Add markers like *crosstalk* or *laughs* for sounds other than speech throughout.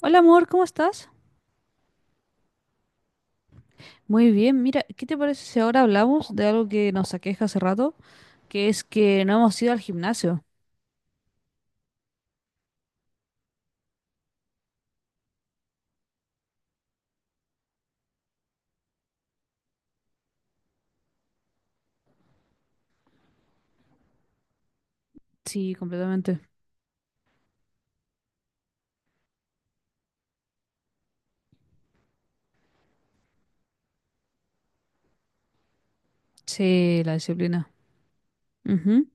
Hola amor, ¿cómo estás? Muy bien, mira, ¿qué te parece si ahora hablamos de algo que nos aqueja hace rato? Que es que no hemos ido al gimnasio. Sí, completamente. Sí, la disciplina. Ujú.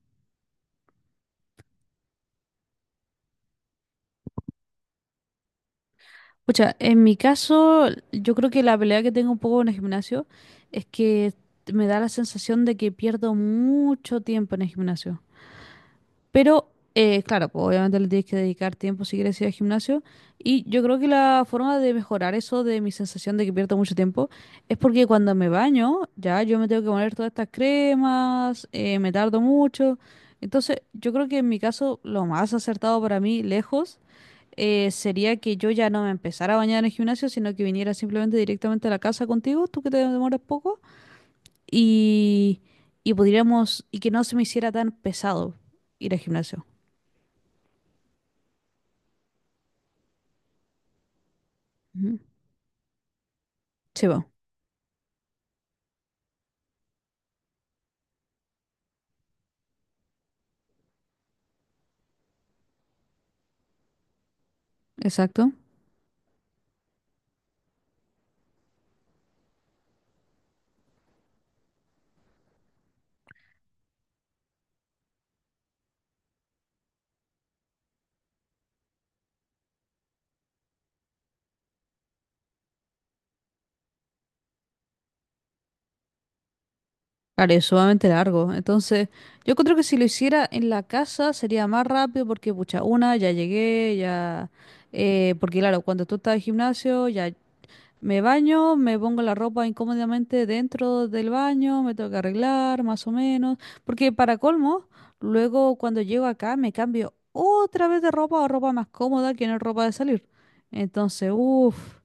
Pucha, en mi caso, yo creo que la pelea que tengo un poco en el gimnasio es que me da la sensación de que pierdo mucho tiempo en el gimnasio. Pero, claro, pues obviamente le tienes que dedicar tiempo si quieres ir al gimnasio. Y yo creo que la forma de mejorar eso de mi sensación de que pierdo mucho tiempo es porque cuando me baño, ya yo me tengo que poner todas estas cremas, me tardo mucho. Entonces, yo creo que en mi caso, lo más acertado para mí, lejos, sería que yo ya no me empezara a bañar en el gimnasio, sino que viniera simplemente directamente a la casa contigo, tú que te demoras poco, y, y podríamos, y que no se me hiciera tan pesado ir al gimnasio. Ujú. Sí, va, exacto. Claro, es sumamente largo. Entonces, yo creo que si lo hiciera en la casa sería más rápido porque, pucha, una, ya llegué, ya. Porque, claro, cuando tú estás en el gimnasio, ya me baño, me pongo la ropa incómodamente dentro del baño, me tengo que arreglar, más o menos. Porque, para colmo, luego cuando llego acá me cambio otra vez de ropa o ropa más cómoda que no es ropa de salir. Entonces, uff.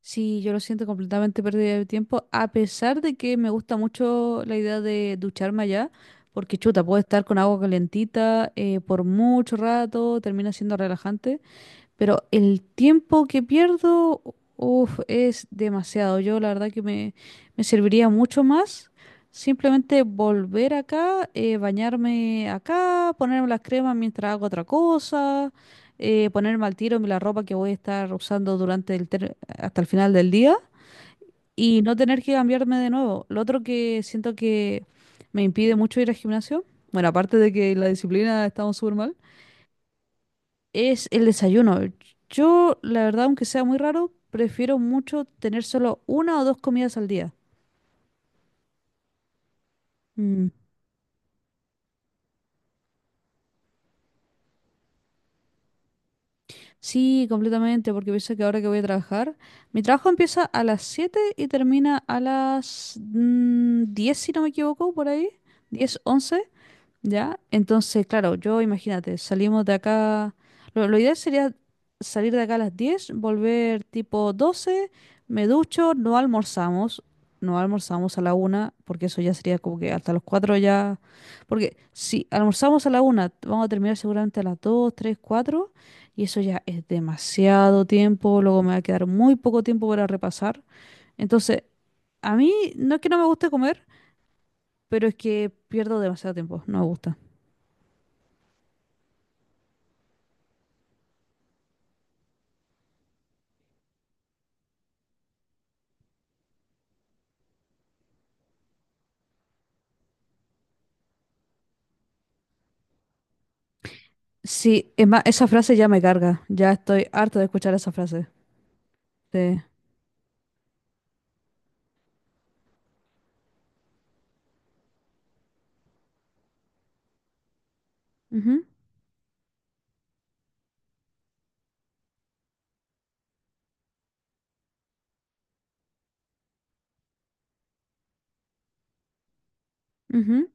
Sí, yo lo siento completamente pérdida de tiempo, a pesar de que me gusta mucho la idea de ducharme allá, porque chuta, puedo estar con agua calentita por mucho rato, termina siendo relajante, pero el tiempo que pierdo, uff, es demasiado. Yo la verdad que me serviría mucho más simplemente volver acá, bañarme acá, ponerme las cremas mientras hago otra cosa, ponerme al tiro la ropa que voy a estar usando durante hasta el final del día y no tener que cambiarme de nuevo. Lo otro que siento que me impide mucho ir al gimnasio, bueno, aparte de que la disciplina estamos súper mal es el desayuno. Yo, la verdad, aunque sea muy raro, prefiero mucho tener solo una o dos comidas al día. Mm. Sí, completamente, porque pienso que ahora que voy a trabajar, mi trabajo empieza a las 7 y termina a las 10, si no me equivoco, por ahí, 10 once. ¿Ya? Entonces, claro, yo imagínate, salimos de acá, lo ideal sería salir de acá a las 10, volver tipo 12, me ducho, no almorzamos, no almorzamos a la 1, porque eso ya sería como que hasta los 4 ya, porque si almorzamos a la una, vamos a terminar seguramente a las 2, 3, 4, y eso ya es demasiado tiempo, luego me va a quedar muy poco tiempo para repasar. Entonces, a mí no es que no me guste comer, pero es que pierdo demasiado tiempo, no me gusta. Sí, es más, esa frase ya me carga. Ya estoy harta de escuchar esa frase. Sí. Ujú, ujú.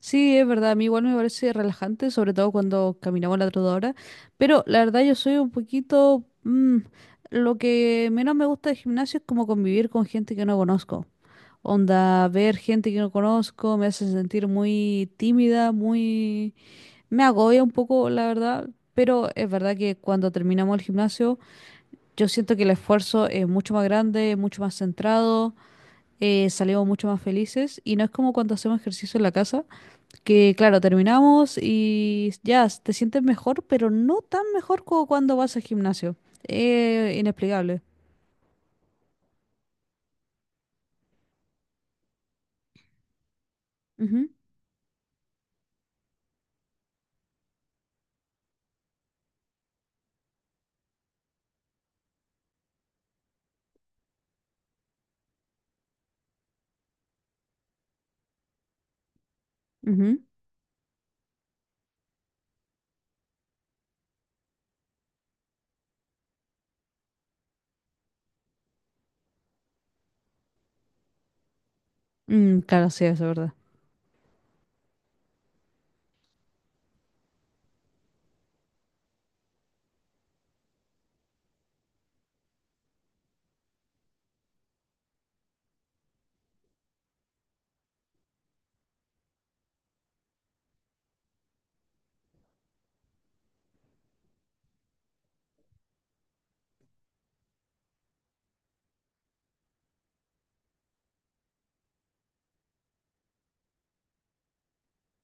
Sí, es verdad. A mí igual me parece relajante, sobre todo cuando caminamos la trotadora. Pero la verdad yo soy un poquito. Lo que menos me gusta del gimnasio es como convivir con gente que no conozco. Onda, ver gente que no conozco me hace sentir muy tímida. Me agobia un poco, la verdad. Pero es verdad que cuando terminamos el gimnasio. Yo siento que el esfuerzo es mucho más grande, mucho más centrado, salimos mucho más felices y no es como cuando hacemos ejercicio en la casa, que claro, terminamos y ya, te sientes mejor, pero no tan mejor como cuando vas al gimnasio. Inexplicable. Ujú, ujú. Mm, claro, sí, eso es verdad.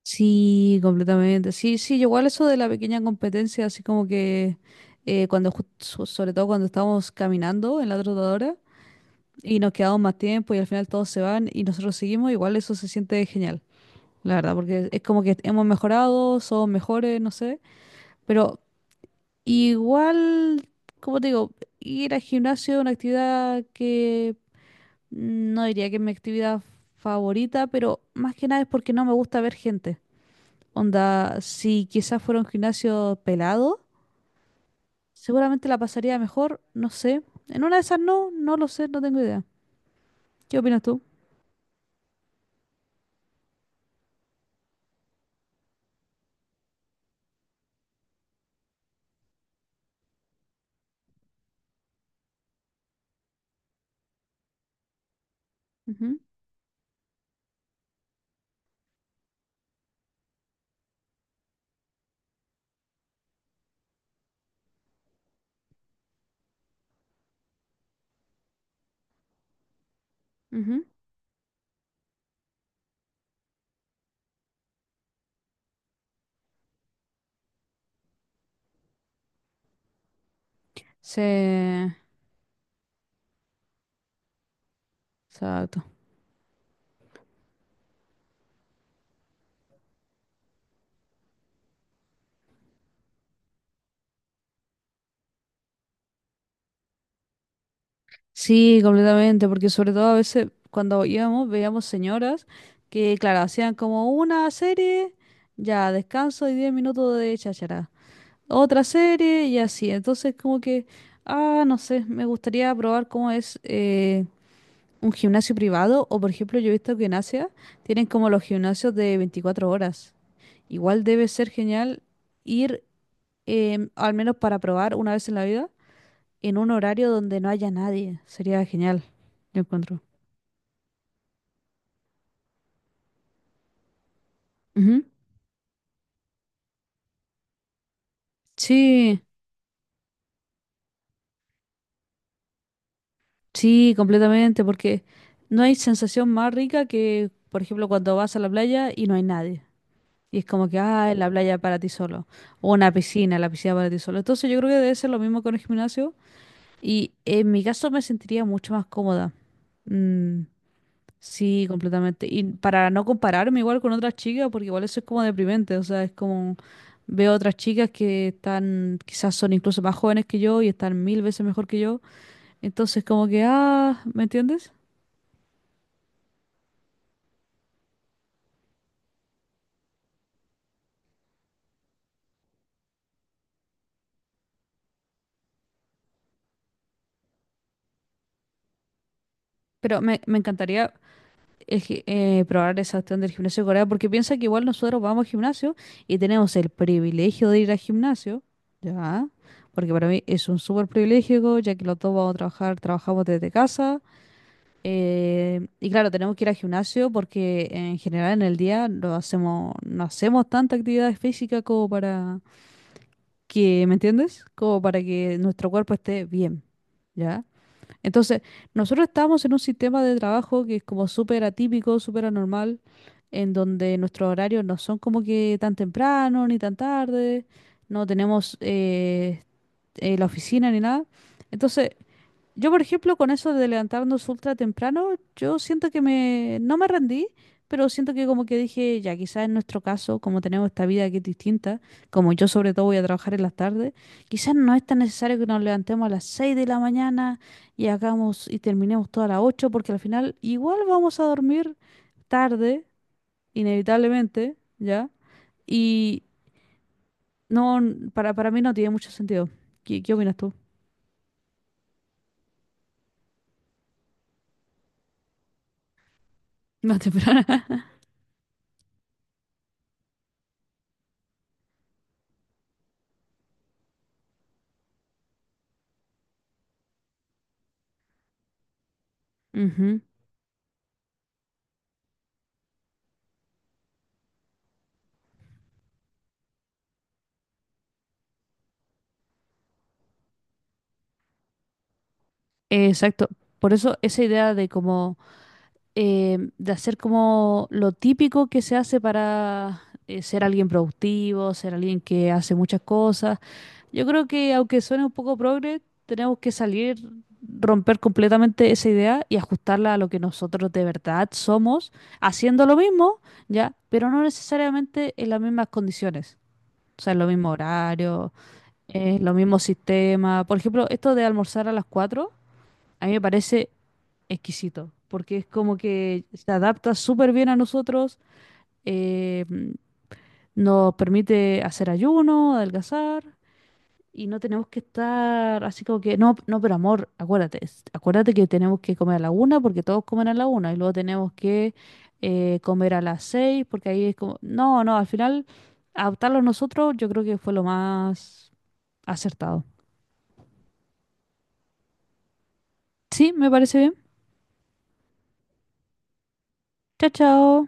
Sí, completamente. Sí, sí, yo igual eso de la pequeña competencia, así como que cuando, sobre todo cuando estábamos caminando en la trotadora, y nos quedamos más tiempo y al final todos se van y nosotros seguimos, igual eso se siente genial, la verdad, porque es como que hemos mejorado, somos mejores, no sé, pero igual, como te digo, ir al gimnasio es una actividad que no diría que es mi actividad favorita, pero más que nada es porque no me gusta ver gente. Onda, si quizás fuera un gimnasio pelado, seguramente la pasaría mejor, no sé. En una de esas no, no lo sé, no tengo idea. ¿Qué opinas tú? Ujú, ujú. Sí, exacto. Sí, completamente, porque sobre todo a veces cuando íbamos veíamos señoras que, claro, hacían como una serie, ya descanso y 10 minutos de cháchara. Otra serie y así. Entonces, como que, ah, no sé, me gustaría probar cómo es un gimnasio privado o, por ejemplo, yo he visto que en Asia tienen como los gimnasios de 24 horas. Igual debe ser genial ir, al menos para probar una vez en la vida en un horario donde no haya nadie. Sería genial, yo encuentro. Ujú. Sí, sí, completamente, porque no hay sensación más rica que, por ejemplo, cuando vas a la playa y no hay nadie. Y es como que, ah, la playa para ti solo. O una piscina, la piscina para ti solo. Entonces yo creo que debe ser lo mismo con el gimnasio. Y en mi caso me sentiría mucho más cómoda. Mm. Sí, completamente. Y para no compararme igual con otras chicas, porque igual eso es como deprimente, o sea, es como veo otras chicas que están, quizás son incluso más jóvenes que yo y están mil veces mejor que yo, entonces como que, ah, ¿me entiendes? Pero me encantaría probar esa opción del gimnasio de Corea, porque piensa que igual nosotros vamos al gimnasio y tenemos el privilegio de ir al gimnasio, ¿ya? Porque para mí es un súper privilegio, ya que los dos vamos a trabajar, trabajamos desde casa. Y claro, tenemos que ir al gimnasio porque en general en el día no hacemos tanta actividad física como para que, ¿me entiendes? Como para que nuestro cuerpo esté bien, ¿ya? Entonces, nosotros estamos en un sistema de trabajo que es como súper atípico, súper anormal, en donde nuestros horarios no son como que tan temprano ni tan tarde, no tenemos la oficina ni nada. Entonces, yo, por ejemplo, con eso de levantarnos ultra temprano, yo siento que no me rendí, pero siento que como que dije, ya quizás en nuestro caso, como tenemos esta vida que es distinta, como yo sobre todo voy a trabajar en las tardes, quizás no es tan necesario que nos levantemos a las 6 de la mañana y hagamos y terminemos todas las 8, porque al final igual vamos a dormir tarde, inevitablemente, ¿ya? Y no, para mí no tiene mucho sentido. ¿Qué opinas tú? *laughs* Más temprano. *laughs* Exacto. Por eso esa idea de como de hacer como lo típico que se hace para ser alguien productivo, ser alguien que hace muchas cosas. Yo creo que aunque suene un poco progre, tenemos que salir, romper completamente esa idea y ajustarla a lo que nosotros de verdad somos, haciendo lo mismo, ya, pero no necesariamente en las mismas condiciones. O sea, en los mismos horarios, en los mismos sistemas. Por ejemplo, esto de almorzar a las 4, a mí me parece exquisito, porque es como que se adapta súper bien a nosotros, eh, mm, nos permite hacer ayuno, adelgazar, y no tenemos que estar así como que, no, no, pero amor, acuérdate, acuérdate que tenemos que comer a la una porque todos comen a la una, y luego tenemos que comer a las 6, porque ahí es como, no, no, al final adaptarlo nosotros yo creo que fue lo más acertado. Sí, me parece bien. Chao, chao.